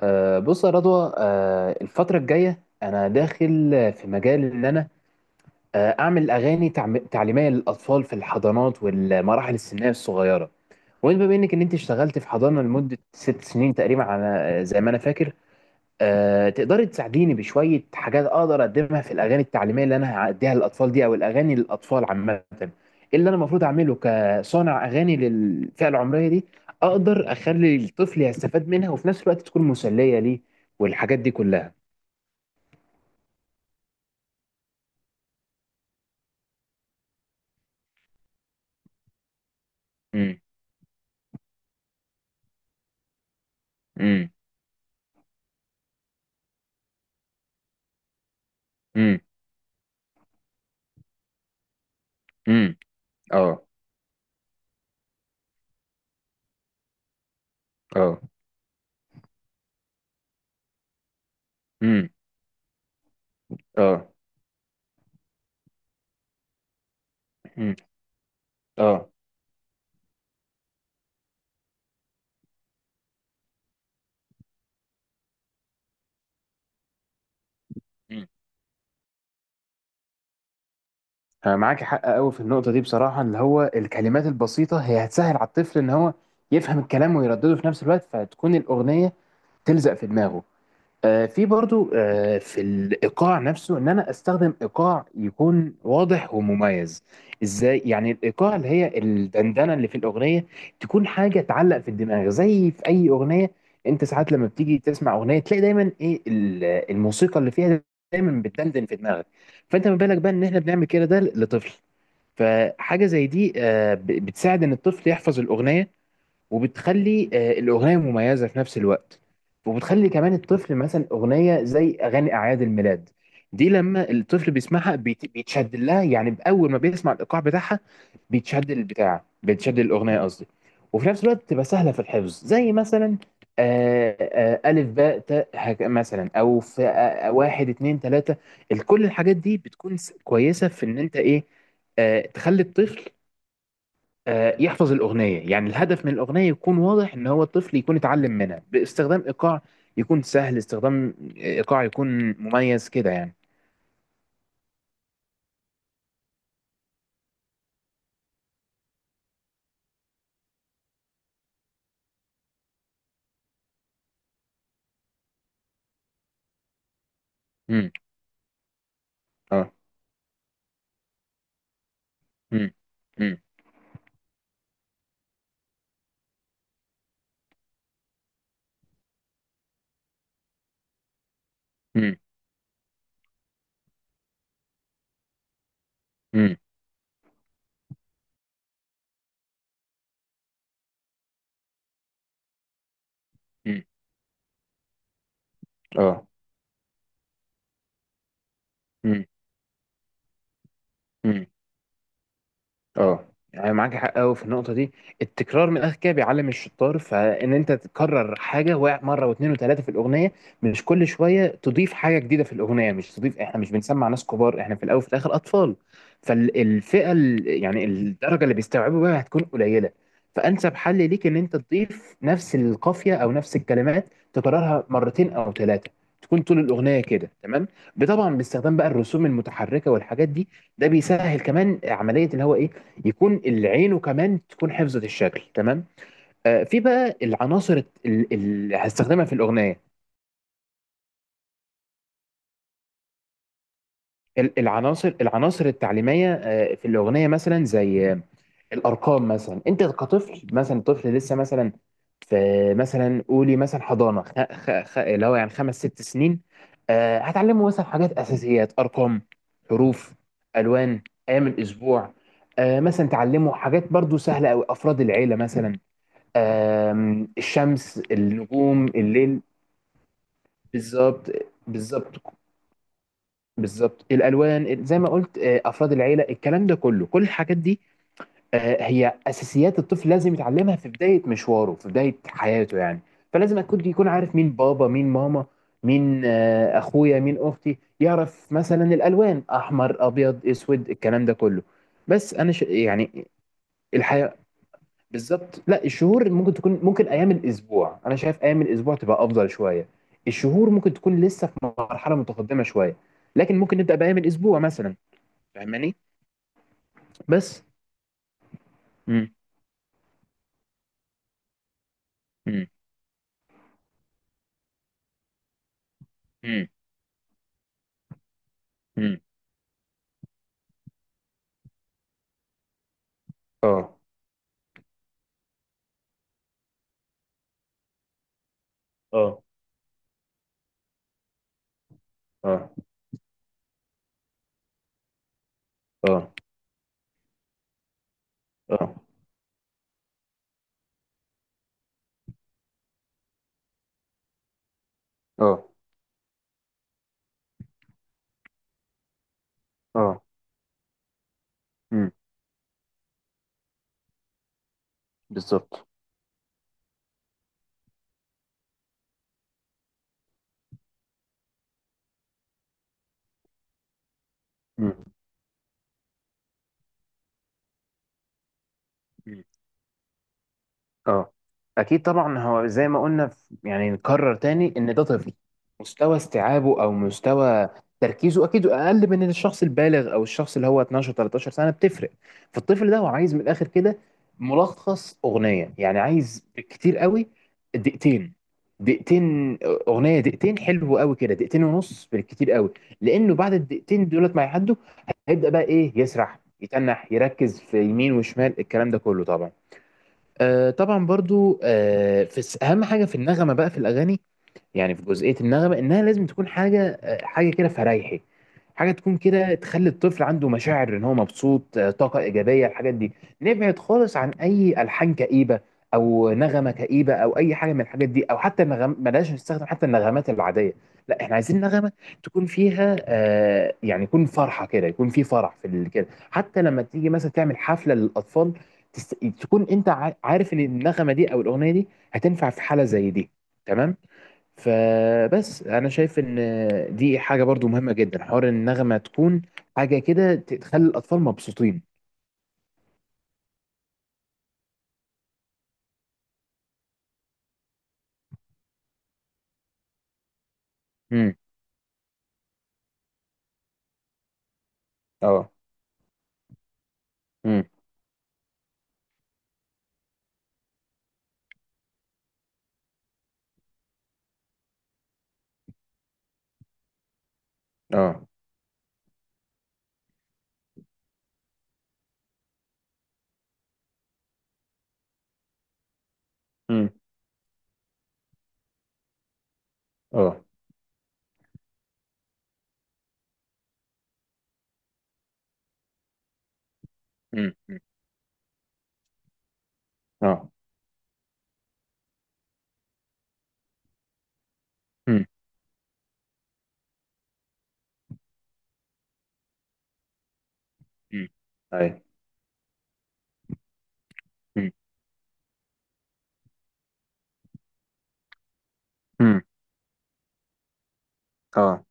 بص يا رضوى، الفترة الجاية أنا داخل في مجال إن أنا أعمل أغاني تعليمية للأطفال في الحضانات والمراحل السنية الصغيرة. وأنت بما إنك إن أنت اشتغلت في حضانة لمدة ست سنين تقريبا، على آه، زي ما أنا فاكر، تقدري تساعديني بشوية حاجات أقدر أقدمها في الأغاني التعليمية اللي أنا هأديها للأطفال دي، أو الأغاني للأطفال عامة؟ إيه اللي أنا المفروض أعمله كصانع أغاني للفئة العمرية دي، أقدر أخلي الطفل يستفاد منها وفي نفس الوقت تكون مسلية ليه، والحاجات دي كلها. امم. امم. امم. امم. اه. اه. امم. اه. امم. اه. مم. أنا معاك حق قوي في النقطة دي، بصراحة، اللي هو الكلمات البسيطة هي هتسهل على الطفل إن هو يفهم الكلام ويردده في نفس الوقت، فتكون الأغنية تلزق في دماغه. في برضو في الايقاع نفسه ان انا استخدم ايقاع يكون واضح ومميز. ازاي يعني؟ الايقاع اللي هي الدندنه اللي في الاغنيه تكون حاجه تعلق في الدماغ زي في اي اغنيه. انت ساعات لما بتيجي تسمع اغنيه تلاقي دايما ايه الموسيقى اللي فيها دايما بتدندن في دماغك. فانت ما بالك بقى ان احنا بنعمل كده، ده لطفل. فحاجه زي دي بتساعد ان الطفل يحفظ الاغنيه، وبتخلي الاغنيه مميزه في نفس الوقت. وبتخلي كمان الطفل، مثلا اغنيه زي اغاني اعياد الميلاد دي لما الطفل بيسمعها بيتشد لها، يعني باول ما بيسمع الايقاع بتاعها بيتشد البتاع، بيتشد الاغنيه قصدي. وفي نفس الوقت بتبقى سهله في الحفظ، زي مثلا الف باء تاء، مثلا، او في واحد اتنين تلاته. كل الحاجات دي بتكون كويسه في ان انت ايه، تخلي الطفل، يحفظ الأغنية، يعني الهدف من الأغنية يكون واضح إن هو الطفل يكون اتعلم منها باستخدام إيقاع يكون سهل، استخدام إيقاع يكون مميز كده يعني. امم. اه. امم. امم. امم. امم. اه. امم. اه. يعني معاك حق قوي في النقطه دي. التكرار من الاخر كده بيعلم الشطار، فان انت تكرر حاجه واحد مره واثنين وثلاثه في الاغنيه، مش كل شويه تضيف حاجه جديده في الاغنيه، مش تضيف. احنا مش بنسمع ناس كبار، احنا في الاول وفي الاخر اطفال. فالفئه يعني الدرجه اللي بيستوعبوا بيها هتكون قليله. فانسب حل ليك ان انت تضيف نفس القافيه او نفس الكلمات، تكررها مرتين او ثلاثه، تكون طول الاغنيه كده، تمام. طبعا باستخدام بقى الرسوم المتحركه والحاجات دي، ده بيسهل كمان عمليه اللي هو ايه، يكون العين وكمان تكون حفظت الشكل، تمام. في بقى العناصر اللي هستخدمها في الاغنيه، العناصر التعليميه في الاغنيه، مثلا زي الارقام. مثلا انت كطفل، مثلا طفل لسه، مثلا في مثلا قولي مثلا حضانه، اللي هو يعني خمس ست سنين. هتعلمه مثلا حاجات اساسيات: ارقام، حروف، الوان، ايام الاسبوع. مثلا تعلمه حاجات برضو سهله قوي، افراد العيله مثلا، الشمس، النجوم، الليل. بالظبط. بالظبط. بالظبط. الالوان زي ما قلت، افراد العيله، الكلام ده كله، كل الحاجات دي هي اساسيات الطفل لازم يتعلمها في بدايه مشواره، في بدايه حياته يعني. فلازم يكون عارف مين بابا، مين ماما، مين اخويا، مين اختي، يعرف مثلا الالوان احمر ابيض اسود الكلام ده كله. بس انا يعني الحياه. بالظبط. لا الشهور ممكن تكون، ممكن ايام الاسبوع، انا شايف ايام الاسبوع تبقى افضل شويه، الشهور ممكن تكون لسه في مرحله متقدمه شويه، لكن ممكن نبدا بايام الاسبوع مثلا. فاهماني؟ بس. امم. امم. امم. امم. اه. اه. اه. اه. اه. اه. اه. امم. بالظبط. امم. اه. اكيد طبعا. هو زي ما قلنا يعني نكرر تاني ان ده طفل مستوى استيعابه او مستوى تركيزه اكيد اقل من الشخص البالغ، او الشخص اللي هو 12 13 سنه بتفرق. فالطفل ده هو عايز من الاخر كده ملخص اغنيه، يعني عايز كتير قوي دقيقتين. دقيقتين. اغنيه دقيقتين حلو قوي كده، دقيقتين ونص بالكتير قوي. لانه بعد الدقيقتين دولت ما يعدوا، هيبدا بقى ايه، يسرح، يتنح، يركز في يمين وشمال، الكلام ده كله طبعا. طبعا برضو، في اهم حاجه في النغمه بقى في الاغاني، يعني في جزئية النغمة إنها لازم تكون حاجة حاجة كده فريحي، حاجة تكون كده تخلي الطفل عنده مشاعر إن هو مبسوط، طاقة إيجابية، الحاجات دي. نبعد خالص عن أي ألحان كئيبة، أو نغمة كئيبة، أو أي حاجة من الحاجات دي، أو حتى النغم بلاش نستخدم حتى النغمات العادية. لا، إحنا عايزين نغمة تكون فيها يعني يكون فرحة كده، يكون في فرح في كده، حتى لما تيجي مثلا تعمل حفلة للأطفال تست... تكون أنت عارف إن النغمة دي أو الأغنية دي هتنفع في حالة زي دي، تمام. فبس انا شايف ان دي حاجه برضو مهمه جدا، حوار النغمه تكون حاجه كده تخلي الاطفال مبسوطين. امم. اه. امم. اه. امم. اه. امم. اه. امم. امم. اي. امم. امم. اه.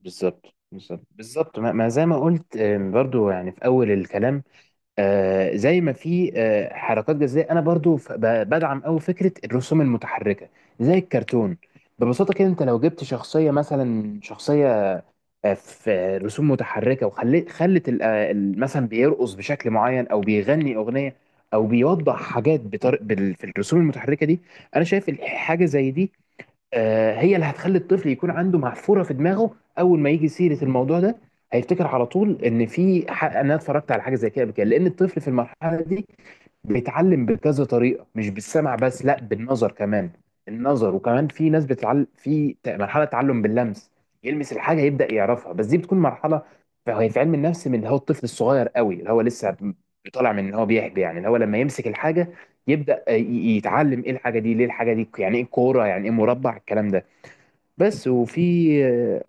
بالظبط. بالظبط. بالظبط. ما ما زي ما قلت، برضو يعني في اول الكلام زي ما في حركات جزائيه، انا برضو بدعم قوي فكره الرسوم المتحركه، زي الكرتون. ببساطه كده انت لو جبت شخصيه، مثلا شخصيه في رسوم متحركه، وخلت مثلا بيرقص بشكل معين، او بيغني اغنيه، او بيوضح حاجات في الرسوم المتحركه دي. انا شايف حاجه زي دي هي اللي هتخلي الطفل يكون عنده محفوره في دماغه. اول ما يجي سيره الموضوع ده هيفتكر على طول ان في إن انا اتفرجت على حاجه زي كده قبل كده، لان الطفل في المرحله دي بيتعلم بكذا طريقه، مش بالسمع بس، لا بالنظر كمان. النظر، وكمان في ناس بتتعلم في مرحله تعلم باللمس، يلمس الحاجه يبدا يعرفها، بس دي بتكون مرحله. فهي في علم النفس، من اللي هو الطفل الصغير قوي اللي هو لسه طالع من ان هو بيحبي يعني، اللي هو لما يمسك الحاجه يبدا يتعلم ايه الحاجه دي، ليه الحاجه دي، يعني ايه كوره، يعني ايه مربع، الكلام ده. بس وفي آه،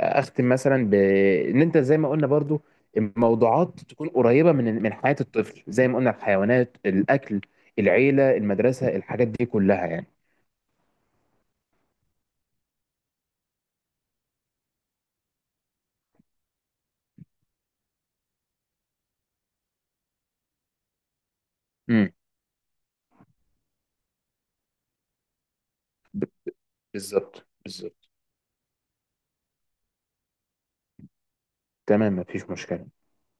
اختم مثلا بان انت زي ما قلنا برضو الموضوعات تكون قريبه من حياه الطفل، زي ما قلنا الحيوانات، الاكل، العيله، المدرسه، الحاجات دي كلها يعني. امم. ب- بالظبط، بالظبط. تمام، مفيش مشكله.